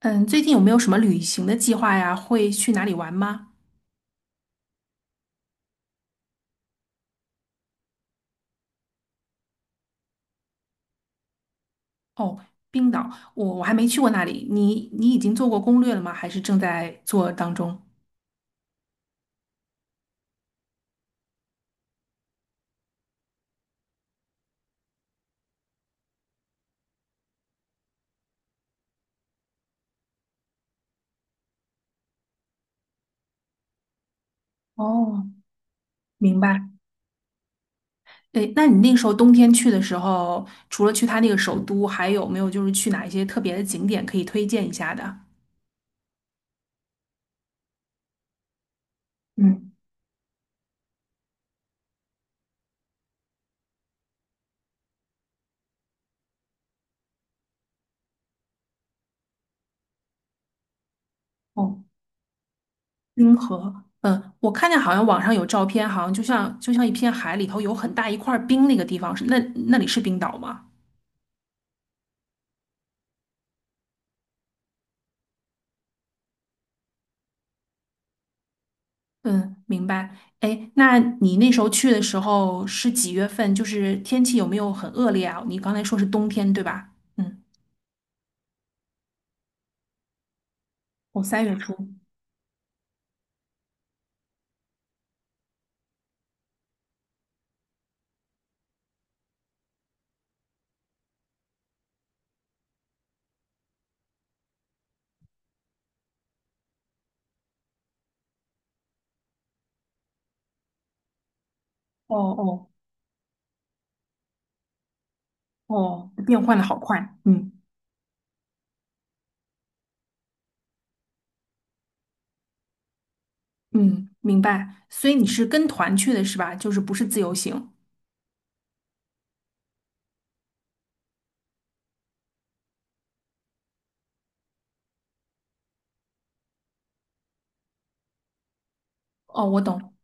嗯，最近有没有什么旅行的计划呀？会去哪里玩吗？哦，冰岛，我还没去过那里。你已经做过攻略了吗？还是正在做当中？哦，明白。诶，那你那时候冬天去的时候，除了去它那个首都，还有没有就是去哪一些特别的景点可以推荐一下的？嗯，哦，冰河。嗯，我看见好像网上有照片，好像就像一片海里头有很大一块冰那个地方，那里是冰岛吗？嗯，明白。哎，那你那时候去的时候是几月份？就是天气有没有很恶劣啊？你刚才说是冬天，对吧？嗯，哦，三月初。哦哦哦，变换的好快。嗯嗯，明白。所以你是跟团去的是吧？就是不是自由行？哦，我懂。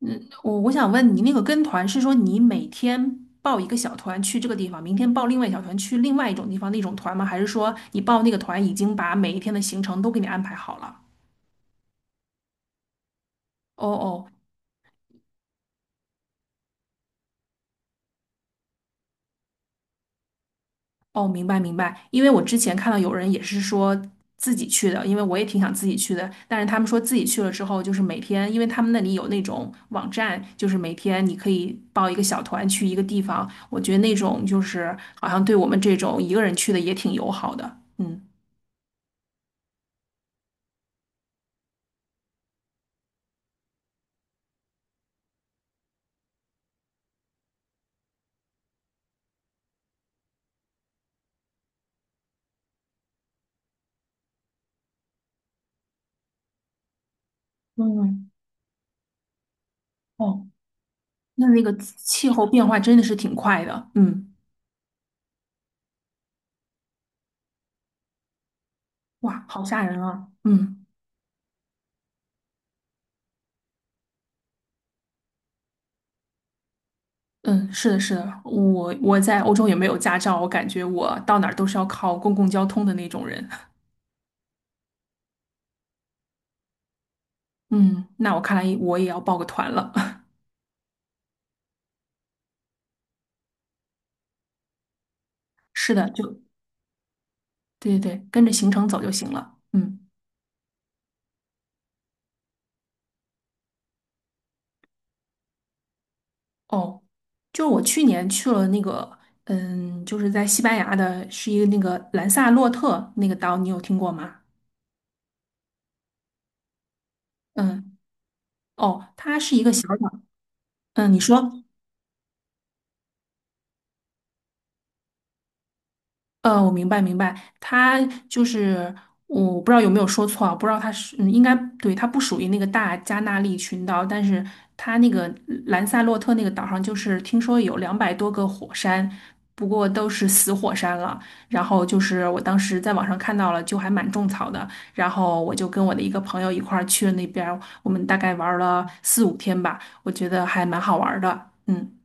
嗯，我想问你，那个跟团是说你每天报一个小团去这个地方，明天报另外一小团去另外一种地方那种团吗？还是说你报那个团已经把每一天的行程都给你安排好了？哦哦，哦，明白明白，因为我之前看到有人也是说自己去的，因为我也挺想自己去的，但是他们说自己去了之后，就是每天，因为他们那里有那种网站，就是每天你可以报一个小团去一个地方，我觉得那种就是好像对我们这种一个人去的也挺友好的，嗯，嗯，哦，那个气候变化真的是挺快的，嗯，哇，好吓人啊，嗯。嗯，是的，是的，我在欧洲也没有驾照，我感觉我到哪儿都是要靠公共交通的那种人。嗯，那我看来我也要报个团了。是的，就对对对，跟着行程走就行了。嗯，哦，就是我去年去了那个，嗯，就是在西班牙的，是一个那个兰萨洛特那个岛，你有听过吗？嗯，哦，它是一个小岛。嗯，你说。我明白明白，它就是我不知道有没有说错啊，不知道它是应该对，它不属于那个大加纳利群岛，但是它那个兰萨洛特那个岛上，就是听说有200多个火山，不过都是死火山了。然后就是我当时在网上看到了，就还蛮种草的。然后我就跟我的一个朋友一块儿去了那边儿我们大概玩儿了四五天吧，我觉得还蛮好玩儿的。嗯。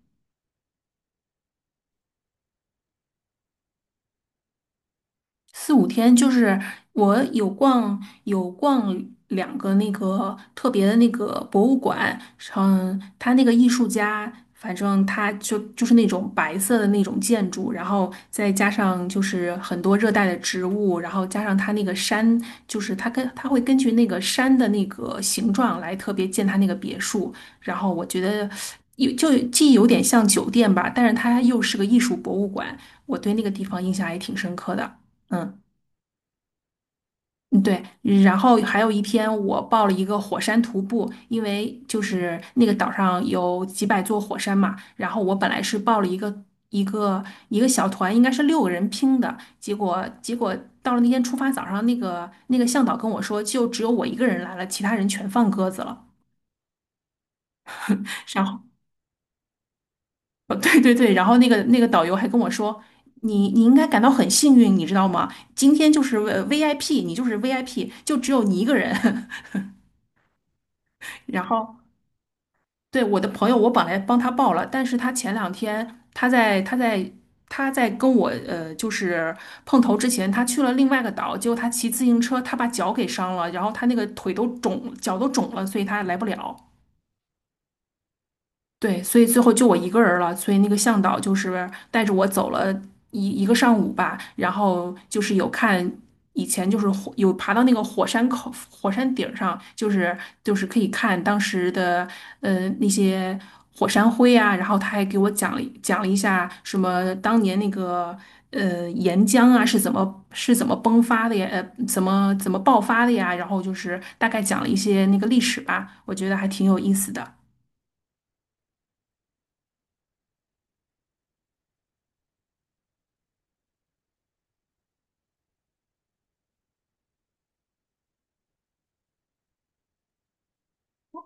四五天，就是我有逛两个那个特别的那个博物馆，嗯，他那个艺术家，反正他就是那种白色的那种建筑，然后再加上就是很多热带的植物，然后加上他那个山，就是他会根据那个山的那个形状来特别建他那个别墅，然后我觉得。既有点像酒店吧，但是它又是个艺术博物馆，我对那个地方印象还挺深刻的。嗯。嗯对，然后还有一天我报了一个火山徒步，因为就是那个岛上有几百座火山嘛，然后我本来是报了一个小团，应该是六个人拼的，结果到了那天出发早上，那个向导跟我说，就只有我一个人来了，其他人全放鸽子了。然后，哦对对对，然后那个导游还跟我说，你应该感到很幸运，你知道吗？今天就是VIP，你就是 VIP，就只有你一个人。然后。对，我的朋友，我本来帮他报了，但是他前两天他在跟我就是碰头之前，他去了另外一个岛，结果他骑自行车，他把脚给伤了，然后他那个腿都肿，脚都肿了，所以他来不了。对，所以最后就我一个人了，所以那个向导就是带着我走了一个上午吧，然后就是有看以前就是火有爬到那个火山口火山顶儿上，就是可以看当时的那些火山灰啊，然后他还给我讲了一下什么当年那个岩浆啊是怎么崩发的呀，怎么爆发的呀，然后就是大概讲了一些那个历史吧，我觉得还挺有意思的。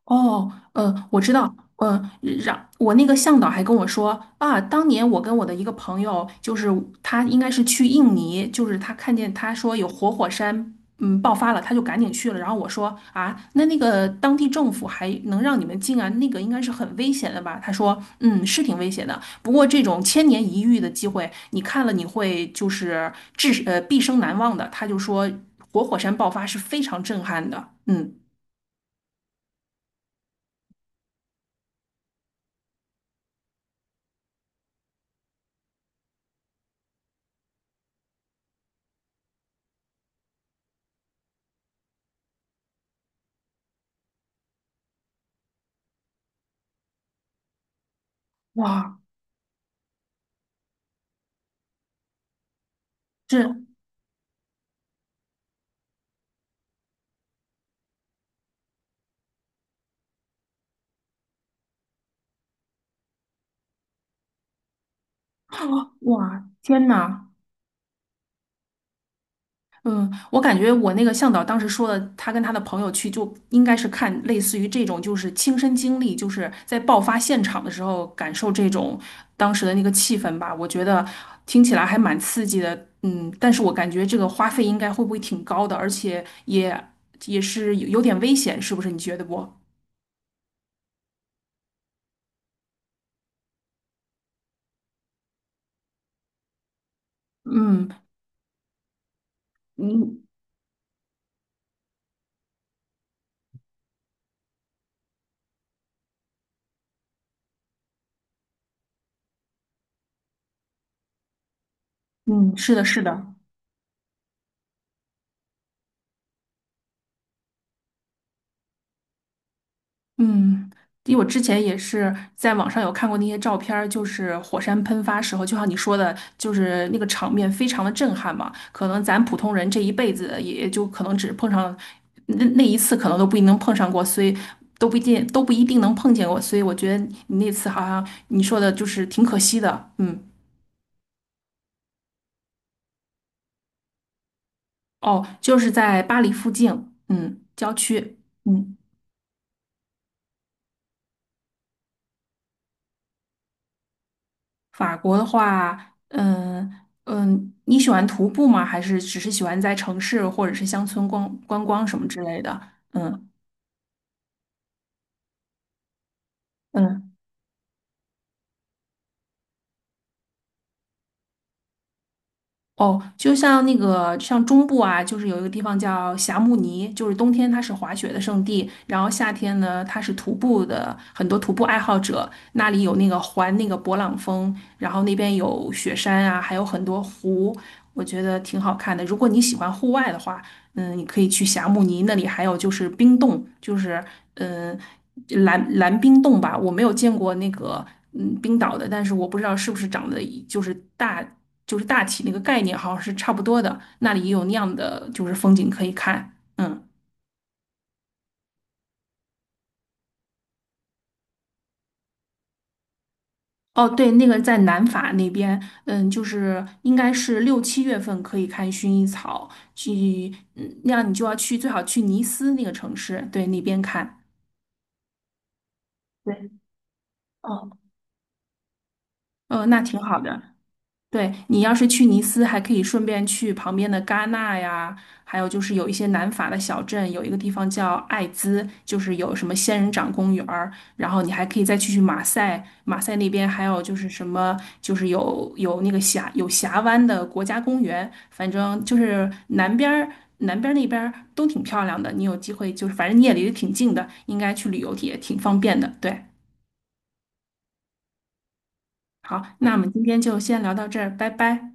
哦，我知道，让我那个向导还跟我说啊，当年我跟我的一个朋友，就是他应该是去印尼，就是他看见他说有活火山，爆发了，他就赶紧去了。然后我说啊，那个当地政府还能让你们进啊？那个应该是很危险的吧？他说，嗯，是挺危险的，不过这种千年一遇的机会，你看了你会就是毕生难忘的。他就说活火山爆发是非常震撼的，嗯，哇。这。哇，天呐！嗯，我感觉我那个向导当时说的，他跟他的朋友去，就应该是看类似于这种，就是亲身经历，就是在爆发现场的时候感受这种当时的那个气氛吧。我觉得听起来还蛮刺激的，嗯，但是我感觉这个花费应该会不会挺高的，而且也也是有点危险，是不是？你觉得不？嗯嗯嗯，是的，是的。嗯，因为我之前也是在网上有看过那些照片儿，就是火山喷发时候，就像你说的，就是那个场面非常的震撼嘛。可能咱普通人这一辈子也就可能只碰上那一次，可能都不一定能碰上过，所以都不一定能碰见过。所以我觉得你那次好像你说的就是挺可惜的。嗯，哦，就是在巴黎附近，嗯，郊区。嗯。法国的话，嗯你喜欢徒步吗？还是只是喜欢在城市或者是乡村逛观光什么之类的？嗯嗯，哦，就像那个像中部啊，就是有一个地方叫霞慕尼，就是冬天它是滑雪的圣地，然后夏天呢它是徒步的，很多徒步爱好者那里有那个环那个勃朗峰，然后那边有雪山啊，还有很多湖，我觉得挺好看的。如果你喜欢户外的话。嗯，你可以去霞慕尼那里，还有就是冰洞，就是嗯蓝冰洞吧。我没有见过那个冰岛的，但是我不知道是不是长得一就是大就是大体那个概念好像是差不多的。那里也有那样的就是风景可以看，嗯。哦，对，那个在南法那边，嗯，就是应该是6、7月份可以看薰衣草，去，那样你就要去，最好去尼斯那个城市，对，那边看。对，哦，那挺好的。对，你要是去尼斯，还可以顺便去旁边的戛纳呀，还有就是有一些南法的小镇，有一个地方叫艾兹，就是有什么仙人掌公园儿然后你还可以再去马赛，马赛那边还有就是什么，就是有那个峡湾的国家公园，反正就是南边儿那边儿都挺漂亮的，你有机会就是反正你也离得挺近的，应该去旅游也挺方便的。对，好，那我们今天就先聊到这儿，拜拜。